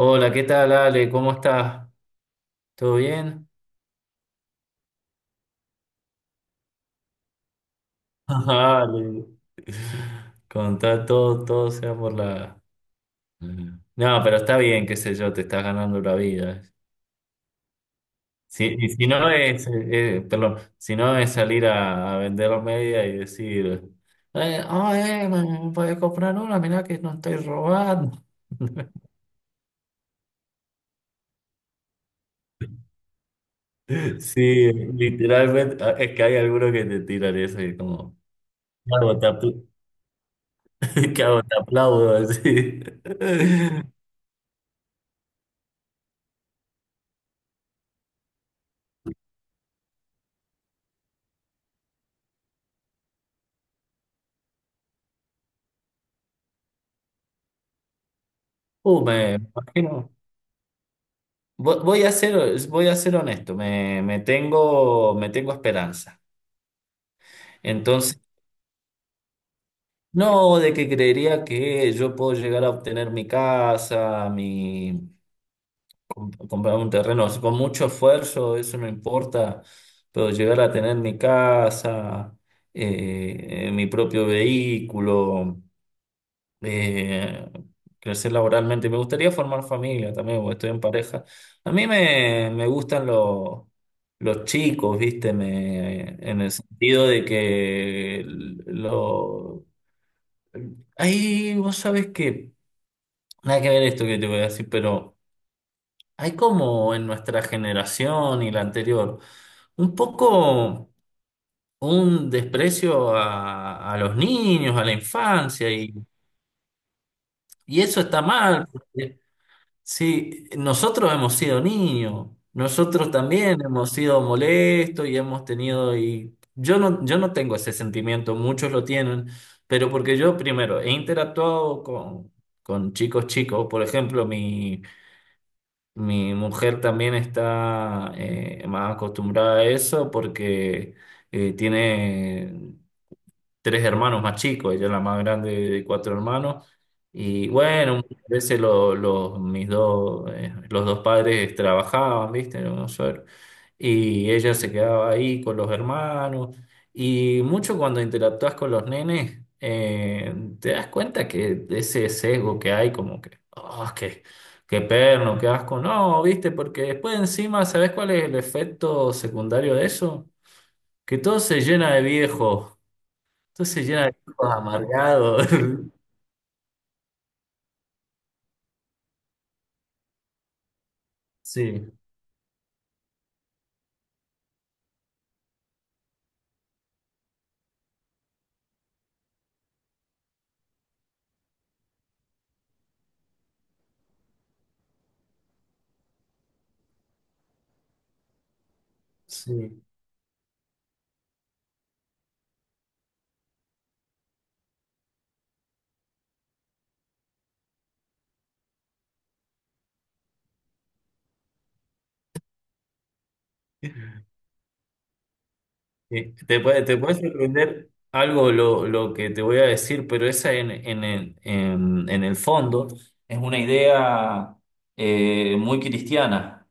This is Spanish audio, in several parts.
Hola, ¿qué tal, Ale? ¿Cómo estás? ¿Todo bien? Ale, contá todo, todo sea por la... No, pero está bien, qué sé yo, te estás ganando la vida. Si, y si no es, perdón, si no es salir a vender media y decir, "Ah, me podés comprar una, mirá que no estoy robando. Sí, literalmente, ah, es que hay algunos que te tiran eso y como, ¿qué hago? ¿Qué hago? Te aplaudo, así. Me imagino. Vo- Voy a ser, voy a ser honesto, me tengo esperanza. Entonces, no, de que creería que yo puedo llegar a obtener mi casa, mi, comprar un terreno, así con mucho esfuerzo, eso no importa, pero llegar a tener mi casa, mi propio vehículo. eh, Crecer laboralmente. Me gustaría formar familia también, porque estoy en pareja. A mí me gustan los chicos, ¿viste? Me, en el sentido de que lo... Ahí, vos sabés que... Nada que ver esto que te voy a decir, pero hay como en nuestra generación y la anterior, un poco un desprecio a los niños, a la infancia, y eso está mal. Sí, nosotros hemos sido niños, nosotros también hemos sido molestos y hemos tenido, y yo no, yo no tengo ese sentimiento, muchos lo tienen, pero porque yo primero he interactuado con chicos chicos, por ejemplo, mi mujer también está más acostumbrada a eso porque tiene 3 hermanos más chicos, ella es la más grande de 4 hermanos. Y bueno, muchas veces los, mis dos, los dos padres trabajaban, ¿viste? En Buenos Aires. Y ella se quedaba ahí con los hermanos. Y mucho cuando interactúas con los nenes, te das cuenta que de ese sesgo que hay, como que, oh, qué, qué perno, qué asco. No, ¿viste? Porque después encima, ¿sabes cuál es el efecto secundario de eso? Que todo se llena de viejos. Entonces se llena de tipos amargados. Sí, sí. Te puede sorprender algo lo que te voy a decir, pero esa en el fondo es una idea muy cristiana.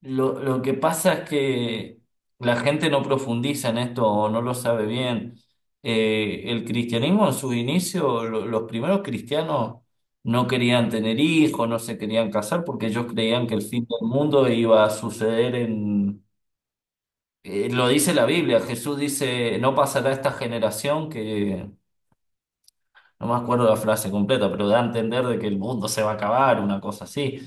Lo que pasa es que la gente no profundiza en esto o no lo sabe bien. El cristianismo en su inicio, los primeros cristianos no querían tener hijos, no se querían casar porque ellos creían que el fin del mundo iba a suceder en... lo dice la Biblia, Jesús dice, no pasará esta generación que... No me acuerdo la frase completa, pero da a entender de que el mundo se va a acabar, una cosa así.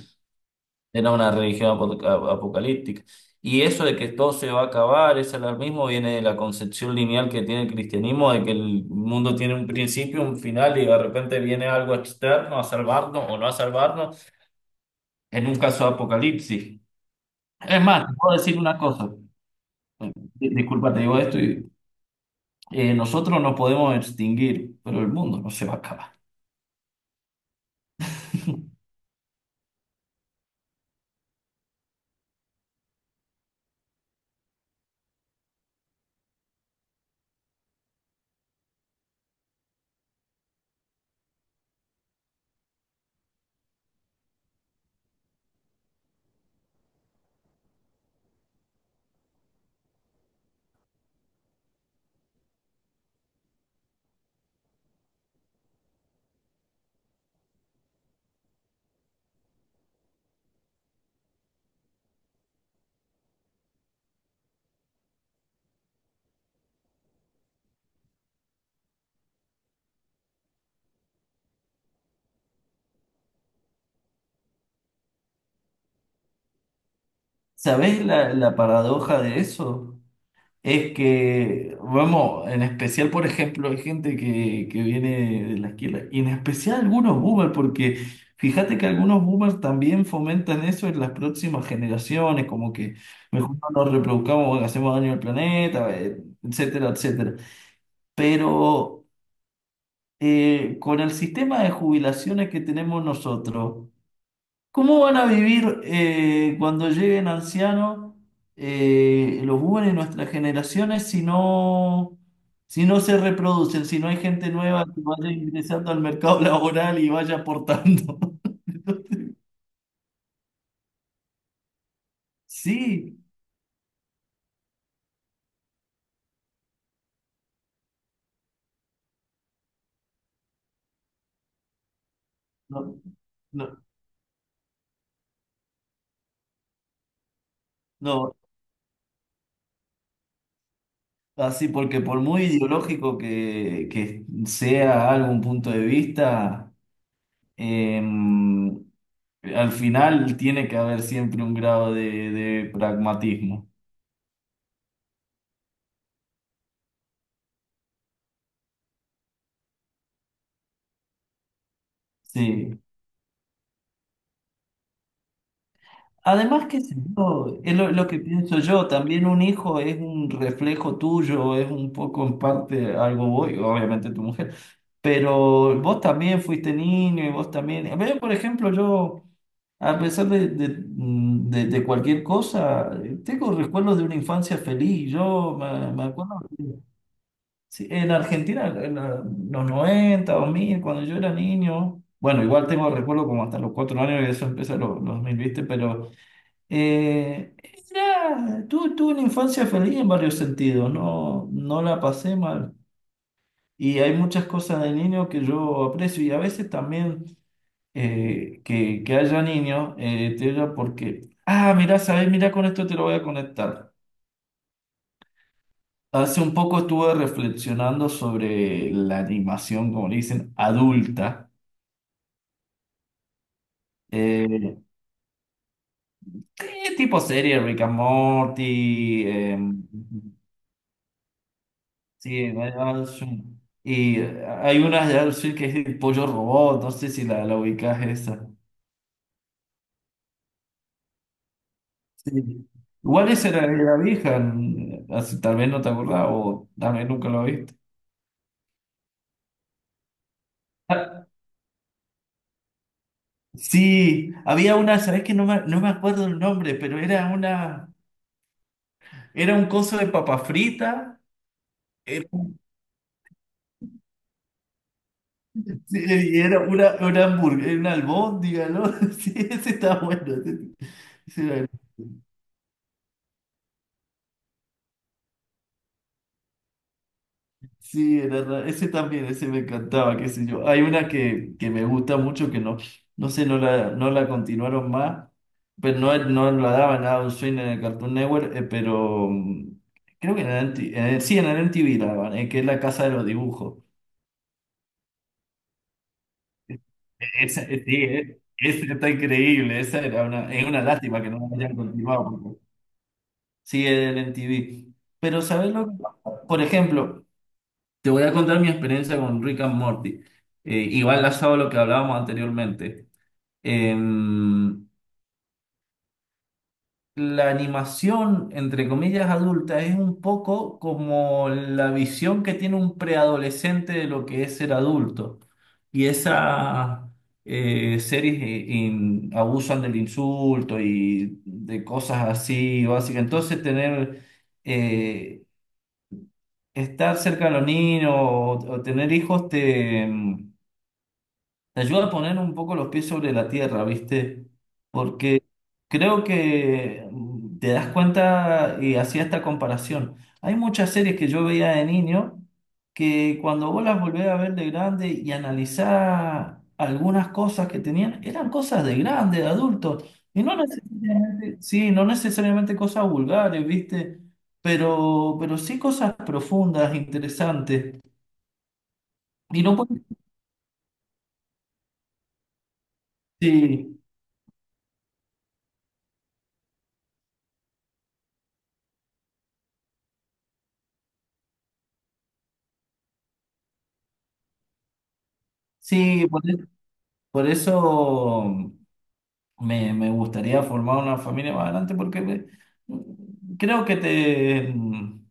Era una religión apocalíptica. Y eso de que todo se va a acabar, ese alarmismo viene de la concepción lineal que tiene el cristianismo, de que el mundo tiene un principio, un final, y de repente viene algo externo a salvarnos o no a salvarnos, en un caso de apocalipsis. Es más, te puedo decir una cosa, disculpa, te digo esto, y, nosotros no podemos extinguir, pero el mundo no se va a acabar. ¿Sabés la, la paradoja de eso? Es que, vamos, en especial, por ejemplo, hay gente que viene de la izquierda, y en especial algunos boomers, porque fíjate que algunos boomers también fomentan eso en las próximas generaciones, como que mejor no nos reproduzcamos, hacemos daño al planeta, etcétera, etcétera. Pero con el sistema de jubilaciones que tenemos nosotros, ¿cómo van a vivir cuando lleguen ancianos los jóvenes de nuestras generaciones si no, si no se reproducen, si no hay gente nueva que vaya ingresando al mercado laboral y vaya aportando? Sí, no, no, no, así porque por muy ideológico que sea algún punto de vista, em, al final tiene que haber siempre un grado de pragmatismo. Sí. Además, que es lo que pienso yo, también un hijo es un reflejo tuyo, es un poco en parte algo voy, obviamente tu mujer, pero vos también fuiste niño y vos también. A ver, por ejemplo, yo, a pesar de, de cualquier cosa, tengo recuerdos de una infancia feliz. Yo me, me acuerdo que sí, en Argentina, en la- los 90, mil cuando yo era niño, bueno, igual tengo recuerdos como hasta los 4 años y eso empecé los 2000, ¿viste? Pero. Eh, tuve una infancia feliz en varios sentidos, no, no la pasé mal. Y hay muchas cosas de niño que yo aprecio y a veces también que haya niños, te digo porque, ah, mira, sabes, mira, con esto te lo voy a conectar. Hace un poco estuve reflexionando sobre la animación, como le dicen, adulta. Eh, tipo serie, Rick and Morty, sí, Guy Adolfson. Y hay una de Adolfson que es el pollo robot, no sé si la, la ubicás esa. Sí. Igual esa era la vieja, n- así, tal vez no te acordás o tal vez nunca lo viste. Ah, sí, había una, sabés que no me, no me acuerdo el nombre, pero era una, era un coso de papa frita, era, sí, y era una hamburguesa, una albóndiga, ¿no? Sí, ese está bueno. ese- ese Sí, era ese también, ese me encantaba, qué sé yo. Hay una que me gusta mucho que no, no sé, no la, no la continuaron más, pero no, no la daban a un swing en el Cartoon Network, pero creo que en el, sí, en el MTV la daban, que es la casa de los dibujos. E, Esa, sí, esa está increíble, esa era una, es una lástima que no la hayan continuado, porque sí, en el MTV. Pero, ¿sabes lo que pasa? Por ejemplo, te voy a contar mi experiencia con Rick and Morty. Y va enlazado a lo que hablábamos anteriormente. Em, la animación, entre comillas, adulta es un poco como la visión que tiene un preadolescente de lo que es ser adulto. Y esas series abusan del insulto y de cosas así básicas. Entonces, tener, eh, estar cerca de los niños o tener hijos te... te ayuda a poner un poco los pies sobre la tierra, ¿viste? Porque creo que te das cuenta y hacía esta comparación. Hay muchas series que yo veía de niño que cuando vos las volvés a ver de grande y analizás algunas cosas que tenían, eran cosas de grande, de adultos, y no necesariamente, sí, no necesariamente cosas vulgares, ¿viste? Pero sí cosas profundas, interesantes. Y no puedes, sí, sí, por eso me, me gustaría formar una familia más adelante, porque me- creo que te,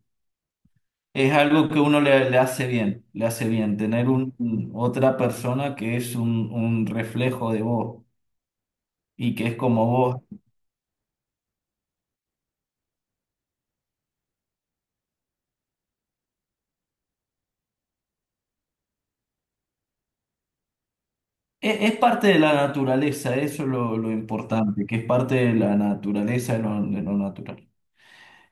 es algo que uno le, le hace bien tener un, otra persona que es un reflejo de vos y que es como vos. Es, parte de la naturaleza, eso es lo importante, que es parte de la naturaleza, de lo natural.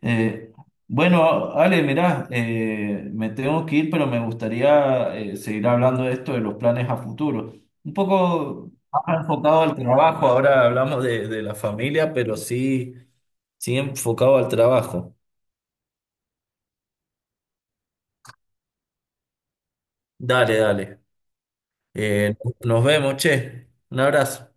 Eh, bueno, Ale, mirá, me tengo que ir, pero me gustaría seguir hablando de esto, de los planes a futuro. Un poco más enfocado al trabajo, ahora hablamos de la familia, pero sí, sí enfocado al trabajo. Dale, dale. Eh, nos vemos, che. Un abrazo.